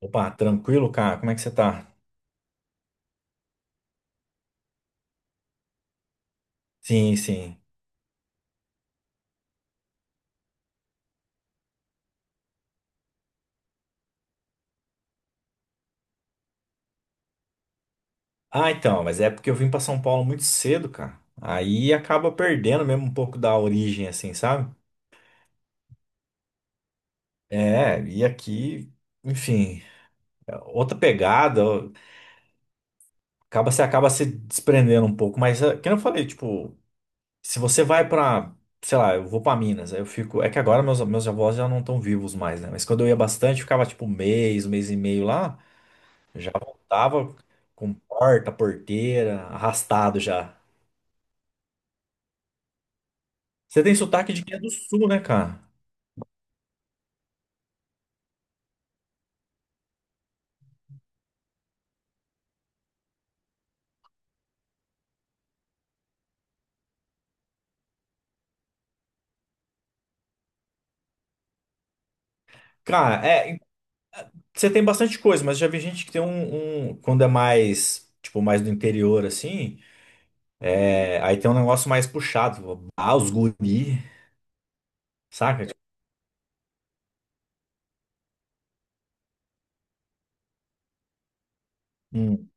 Opa, tranquilo, cara? Como é que você tá? Sim, sim. Ah, então, mas é porque eu vim pra São Paulo muito cedo, cara. Aí acaba perdendo mesmo um pouco da origem, assim, sabe? É, e aqui, enfim, é outra pegada, acaba você acaba se desprendendo um pouco, mas é, que nem eu falei, tipo, se você vai pra, sei lá, eu vou pra Minas, aí eu fico, é que agora meus avós já não estão vivos mais, né? Mas quando eu ia bastante, ficava tipo um mês e meio lá, já voltava com porta, porteira, arrastado já. Você tem sotaque de quem é do sul, né, cara? Cara, é, você tem bastante coisa, mas já vi gente que tem um, quando é mais, tipo, mais do interior, assim, é, aí tem um negócio mais puxado, ah, os guri, saca? Tipo, hum.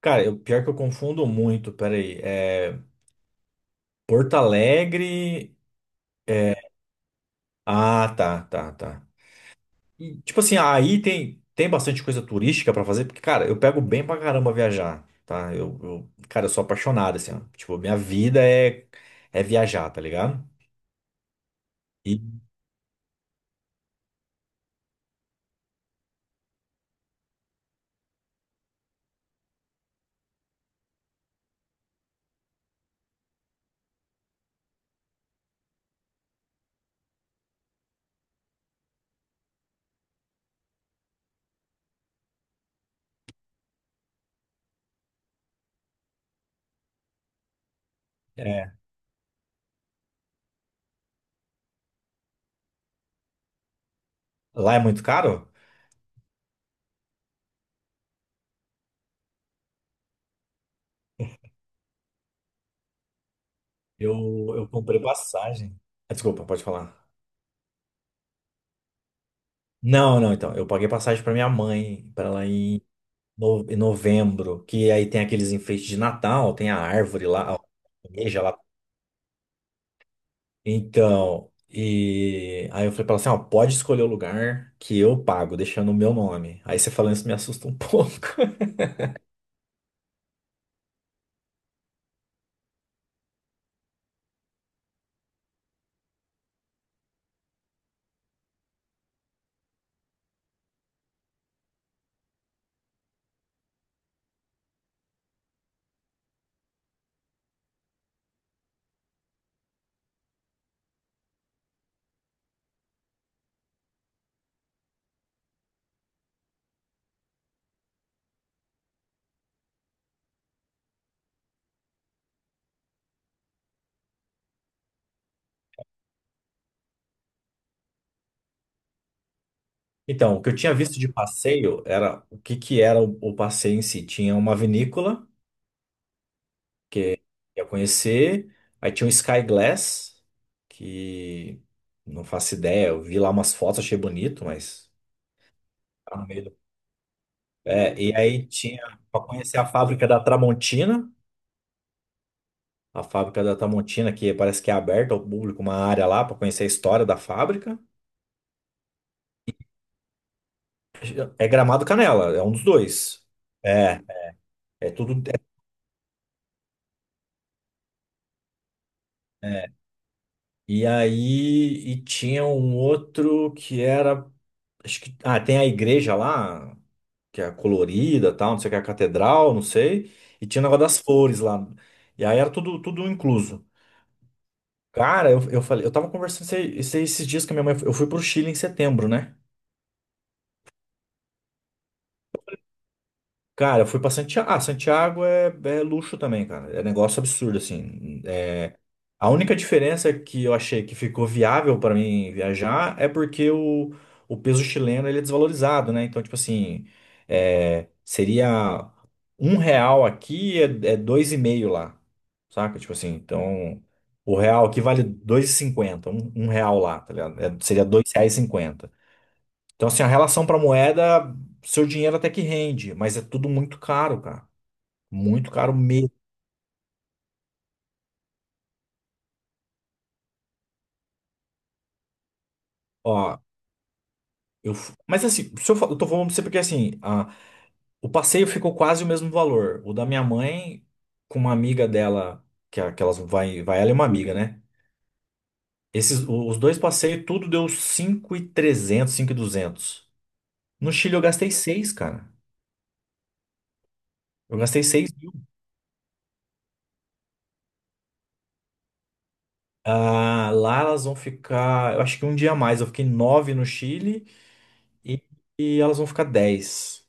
Cara, eu, pior que eu confundo muito, peraí, é, Porto Alegre, é, ah, tá, tá, tá. E, tipo assim, aí tem, tem bastante coisa turística pra fazer, porque, cara, eu pego bem pra caramba viajar, tá? Eu, cara, eu sou apaixonado, assim, ó. Tipo, minha vida é, é viajar, tá ligado? E é, lá é muito caro? Eu, eu comprei passagem. Ah, desculpa, pode falar. Não, não, então. Eu paguei passagem pra minha mãe, pra ela ir em em novembro, que aí tem aqueles enfeites de Natal, tem a árvore lá, a igreja lá. Então, e aí eu falei pra ela assim, ó, pode escolher o lugar que eu pago, deixando o meu nome. Aí você falando isso me assusta um pouco. Então, o que eu tinha visto de passeio era o que que era o passeio em si. Tinha uma vinícola que eu ia conhecer, aí tinha um Sky Glass, que não faço ideia, eu vi lá umas fotos, achei bonito, mas tá no meio do... É, e aí tinha para conhecer a fábrica da Tramontina. A fábrica da Tramontina, que parece que é aberta ao público, uma área lá para conhecer a história da fábrica. É Gramado Canela, é um dos dois. É, é tudo. É, é. E aí, e tinha um outro que era, acho que, ah, tem a igreja lá, que é colorida, tal, não sei o que, a catedral, não sei, e tinha o negócio das flores lá. E aí era tudo, tudo incluso. Cara, eu falei, eu tava conversando esses dias com a minha mãe, eu fui pro Chile em setembro, né? Cara, eu fui pra Santiago. Ah, Santiago é, é luxo também, cara. É negócio absurdo, assim. É, a única diferença que eu achei que ficou viável pra mim viajar é porque o peso chileno ele é desvalorizado, né? Então, tipo assim, é, seria um real aqui é, é dois e meio lá, saca? Tipo assim, então o real aqui vale dois e cinquenta, um real lá, tá ligado? É, seria R$ 2,50. Então, assim, a relação pra moeda, seu dinheiro até que rende, mas é tudo muito caro, cara. Muito caro mesmo. Ó, eu... Mas assim, se eu, eu tô falando pra você porque assim, a... o passeio ficou quase o mesmo valor. O da minha mãe com uma amiga dela, que, que elas vai, vai ela e uma amiga, né? Esses, os dois passeios, tudo deu 5.200. No Chile eu gastei seis, cara. Eu gastei 6.000. Ah, lá elas vão ficar, eu acho que um dia a mais. Eu fiquei 9 no Chile e, e elas vão ficar dez.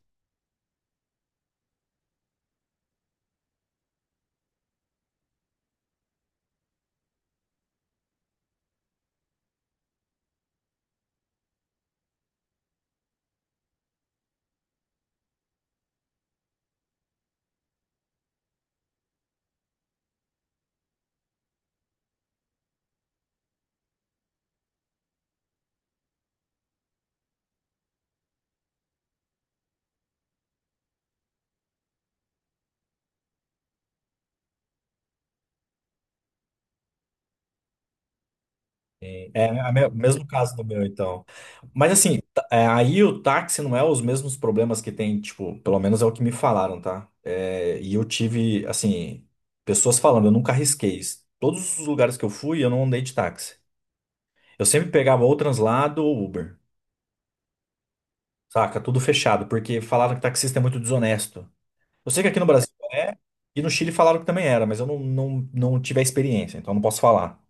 É a mesmo caso do meu, então. Mas assim, é, aí o táxi não é os mesmos problemas que tem, tipo, pelo menos é o que me falaram, tá? É, e eu tive, assim, pessoas falando, eu nunca arrisquei isso. Todos os lugares que eu fui, eu não andei de táxi. Eu sempre pegava ou translado ou Uber, saca? Tudo fechado, porque falaram que taxista é muito desonesto. Eu sei que aqui no Brasil é, e no Chile falaram que também era, mas eu não tive a experiência, então não posso falar.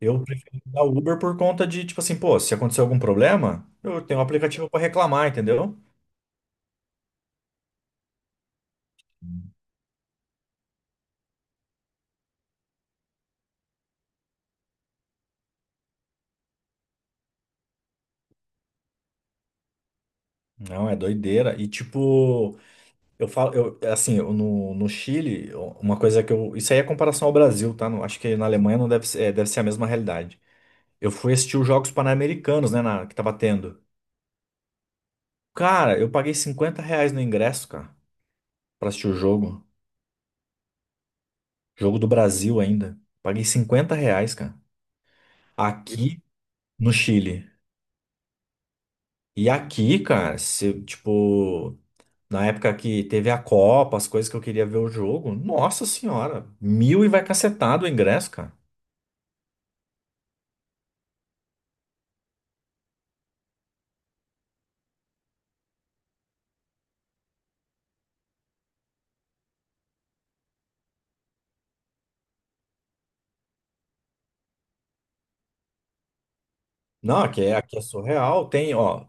Eu prefiro usar o Uber por conta de, tipo assim, pô, se acontecer algum problema, eu tenho um aplicativo pra reclamar, entendeu? Não, é doideira. E tipo, eu falo, eu, assim, eu, no Chile, uma coisa que eu. Isso aí é comparação ao Brasil, tá? Não, acho que na Alemanha não deve ser, é, deve ser a mesma realidade. Eu fui assistir os Jogos Pan-Americanos, né, na, que tava tendo. Cara, eu paguei R$ 50 no ingresso, cara, pra assistir o jogo. Jogo do Brasil ainda. Paguei 50 reais, cara. Aqui no Chile. E aqui, cara, se, tipo, na época que teve a Copa, as coisas que eu queria ver o jogo, nossa senhora, mil e vai cacetado o ingresso, cara. Não, aqui é surreal. Tem, ó,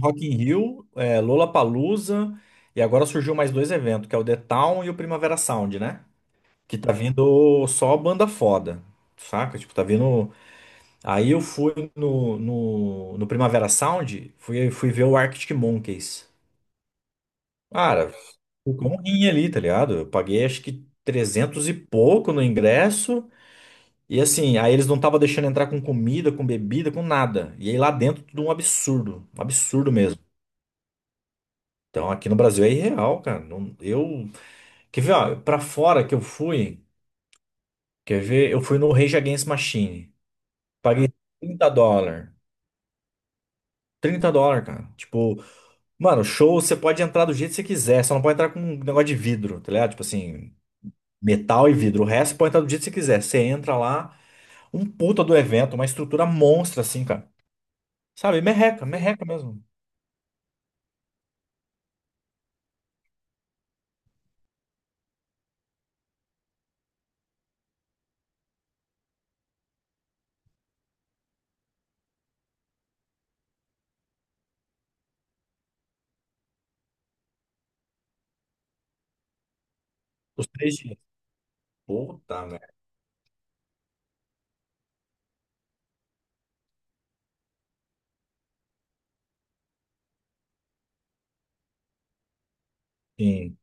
Rock in Rio, é, Lollapalooza, e agora surgiu mais dois eventos, que é o The Town e o Primavera Sound, né? Que tá vindo só banda foda, saca? Tipo, tá vindo... Aí eu fui no Primavera Sound, fui ver o Arctic Monkeys. Cara, ficou um rim ali, tá ligado? Eu paguei acho que 300 e pouco no ingresso. E assim, aí eles não estavam deixando entrar com comida, com bebida, com nada. E aí lá dentro tudo um absurdo. Um absurdo mesmo. Então aqui no Brasil é irreal, cara. Não- eu. Quer ver, ó, pra fora que eu fui. Quer ver? Eu fui no Rage Against Machine. Paguei US$ 30. US$ 30, cara. Tipo, mano, show você pode entrar do jeito que você quiser, só não pode entrar com um negócio de vidro, tá ligado? Tipo assim. Metal e vidro. O resto pode entrar do jeito que você quiser. Você entra lá, um puta do evento, uma estrutura monstra, assim, cara. Sabe? Merreca, merreca mesmo. Os três dias. Puta, né? Sim.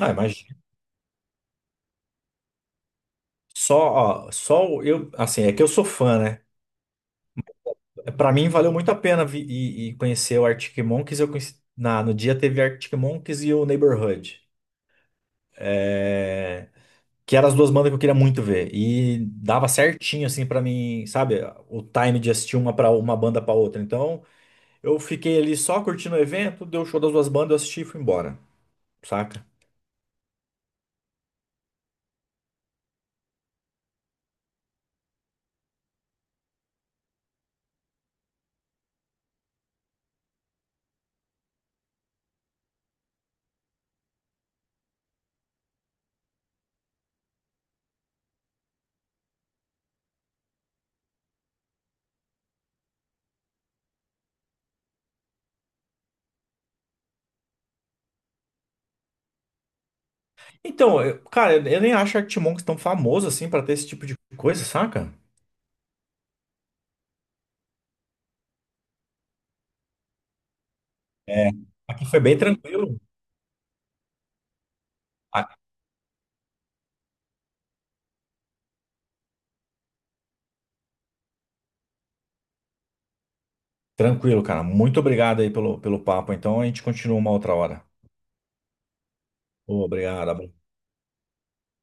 Ah, imagina. Só, ó, só eu, assim, é que eu sou fã, né? Pra mim valeu muito a pena vi, e conhecer o Arctic Monkeys. Eu conheci, na, no dia teve Arctic Monkeys e o Neighborhood. É, que eram as duas bandas que eu queria muito ver. E dava certinho, assim, pra mim, sabe? O time de assistir uma, pra, uma banda pra outra. Então. Eu fiquei ali só curtindo o evento, deu o show das duas bandas, eu assisti e fui embora, saca? Então, cara, eu nem acho Arctic tão famoso assim pra ter esse tipo de coisa, saca? É, aqui foi bem tranquilo. Ah, tranquilo, cara. Muito obrigado aí pelo, pelo papo. Então a gente continua uma outra hora. Obrigado.